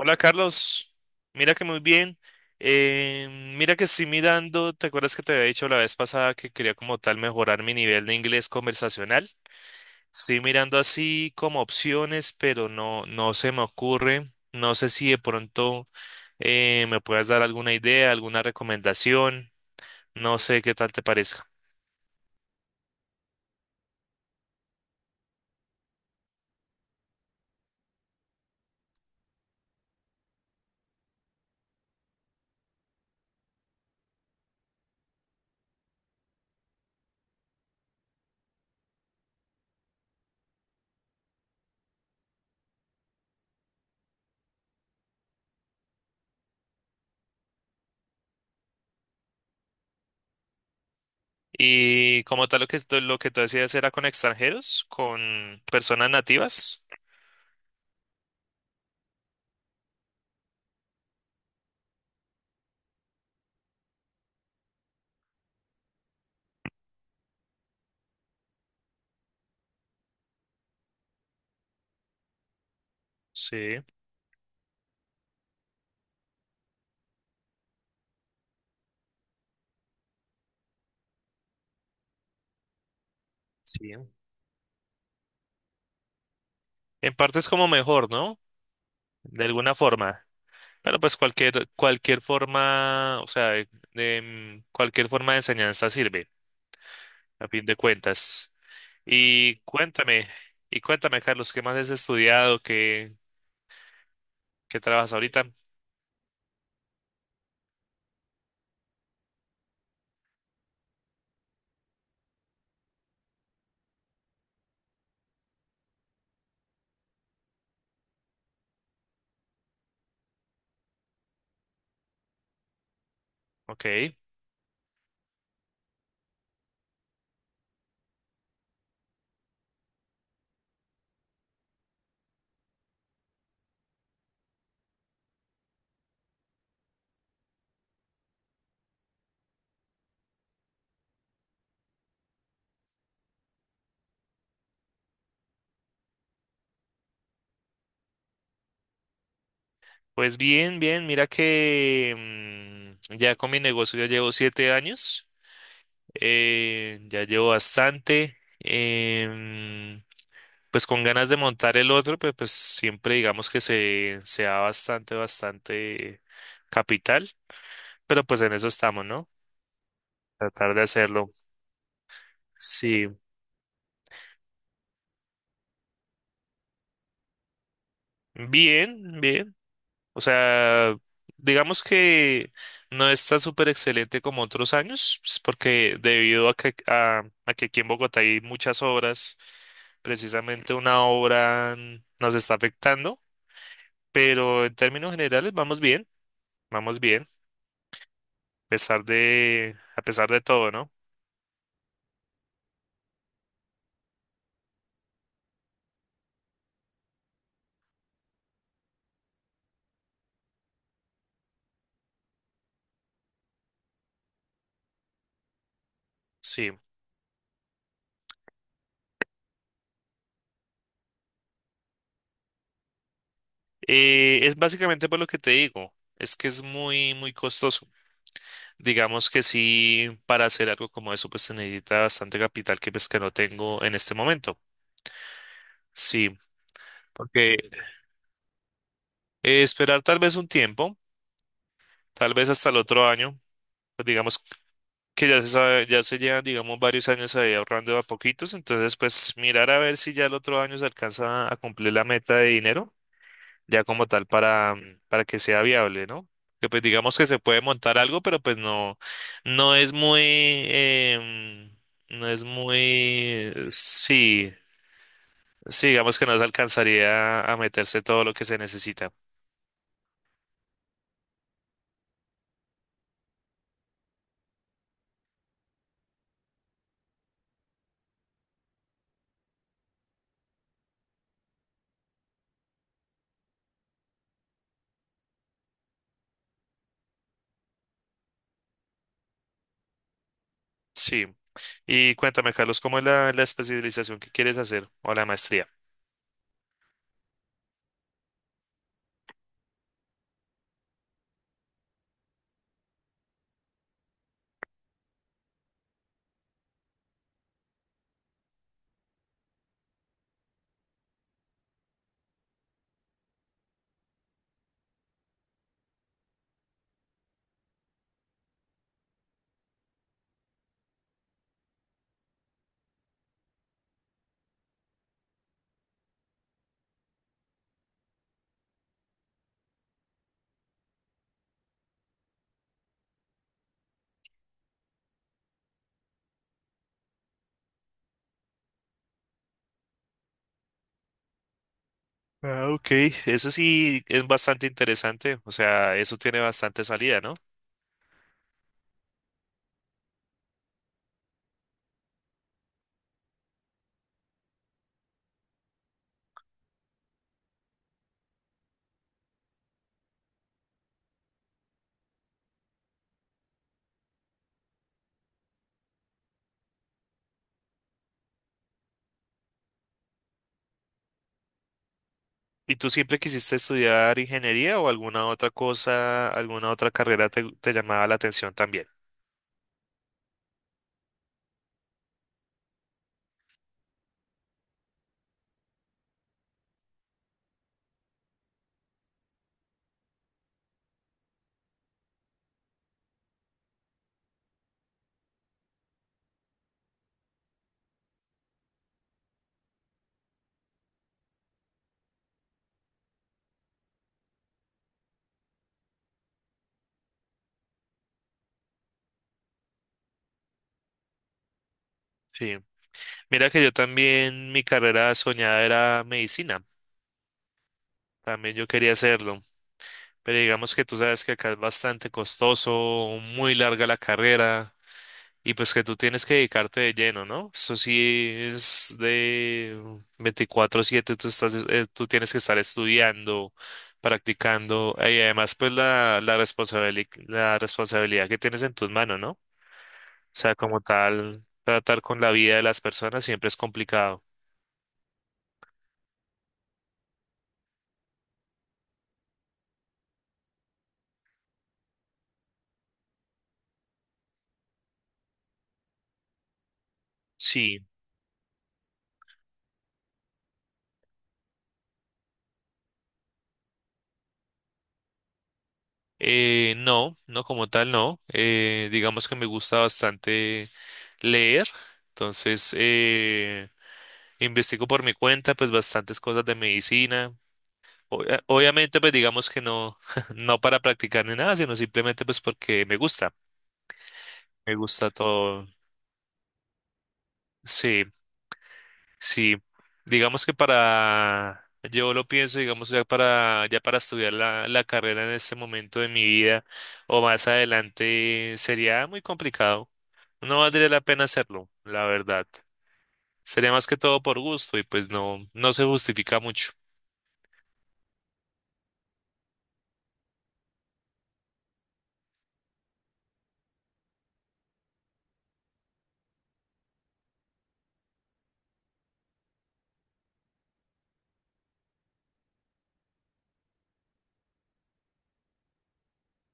Hola Carlos, mira que muy bien. Eh, mira que estoy mirando, ¿te acuerdas que te había dicho la vez pasada que quería como tal mejorar mi nivel de inglés conversacional? Estoy mirando así como opciones, pero no, no se me ocurre. No sé si de pronto me puedas dar alguna idea, alguna recomendación. No sé qué tal te parezca. Y como tal lo que, lo que tú decías era con extranjeros, con personas nativas. Sí, sí. En parte es como mejor, ¿no?, de alguna forma. Pero pues cualquier forma, o sea, cualquier forma de enseñanza sirve, a fin de cuentas. Y cuéntame, y cuéntame, Carlos, ¿qué más has estudiado? ¿Qué trabajas ahorita? Ok, pues bien, bien, mira que ya con mi negocio ya llevo 7 años, ya llevo bastante. em, pues con ganas de montar el otro, pues siempre digamos que se da bastante, bastante capital, pero pues en eso estamos, ¿no? Tratar de hacerlo. Sí, bien, bien. O sea, digamos que no está súper excelente como otros años, pues, porque debido a que, a que aquí en Bogotá hay muchas obras, precisamente una obra nos está afectando, pero en términos generales vamos bien, vamos bien. A pesar de todo, ¿no? Sí. Es básicamente por lo que te digo, es que es muy, muy costoso. Digamos que sí, para hacer algo como eso, pues se necesita bastante capital que pues que no tengo en este momento. Sí, porque esperar tal vez un tiempo, tal vez hasta el otro año, pues digamos que ya se sabe, ya se llevan, digamos, varios años ahí ahorrando a poquitos, entonces pues mirar a ver si ya el otro año se alcanza a cumplir la meta de dinero ya como tal para, para que sea viable, ¿no? Que pues digamos que se puede montar algo, pero pues no, no es muy, em, no es muy, sí, sí, digamos que no se alcanzaría a meterse todo lo que se necesita. Sí. Y cuéntame, Carlos, ¿cómo es la especialización que quieres hacer o la maestría? Ah, ok. Eso sí es bastante interesante. O sea, eso tiene bastante salida, ¿no? ¿Y tú siempre quisiste estudiar ingeniería o alguna otra cosa, alguna otra carrera te, te llamaba la atención también? Sí. Mira que yo también, mi carrera soñada era medicina. También yo quería hacerlo. Pero digamos que tú sabes que acá es bastante costoso, muy larga la carrera. Y pues que tú tienes que dedicarte de lleno, ¿no? Eso sí es de 24/7 tú estás, tú tienes que estar estudiando, practicando, y además pues la responsabilidad que tienes en tus manos, ¿no? O sea, como tal, tratar con la vida de las personas siempre es complicado. Sí. No, no como tal, no. Digamos que me gusta bastante leer, entonces investigo por mi cuenta pues bastantes cosas de medicina. Obviamente, pues digamos que no, no para practicar ni nada, sino simplemente pues porque me gusta todo. Sí, sí. Digamos que para, yo lo pienso, digamos ya para, ya para estudiar la, la carrera en este momento de mi vida o más adelante sería muy complicado. No valdría la pena hacerlo, la verdad. Sería más que todo por gusto y pues no, no se justifica mucho.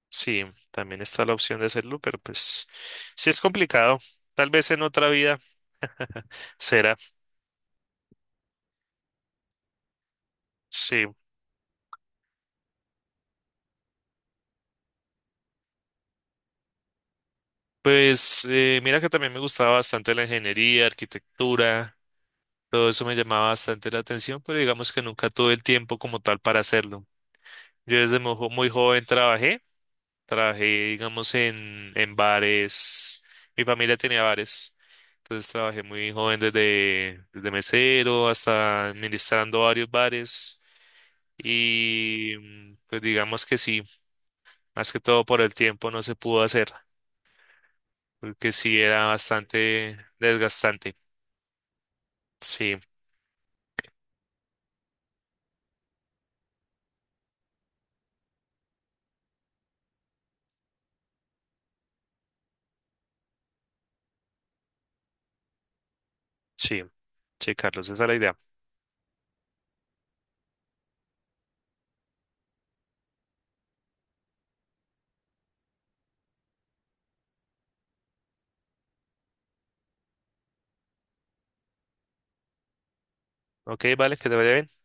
Sí, también está la opción de hacerlo, pero pues sí es complicado. Tal vez en otra vida. Será, sí. Pues mira que también me gustaba bastante la ingeniería, arquitectura, todo eso me llamaba bastante la atención, pero digamos que nunca tuve el tiempo como tal para hacerlo. Yo desde muy, muy joven trabajé, trabajé digamos en, bares, mi familia tenía bares, entonces trabajé muy joven desde, mesero hasta administrando varios bares y pues digamos que sí, más que todo por el tiempo no se pudo hacer. Porque sí era bastante desgastante. Sí, sí, sí, Carlos, esa es la idea. Ok, vale, que te vaya bien.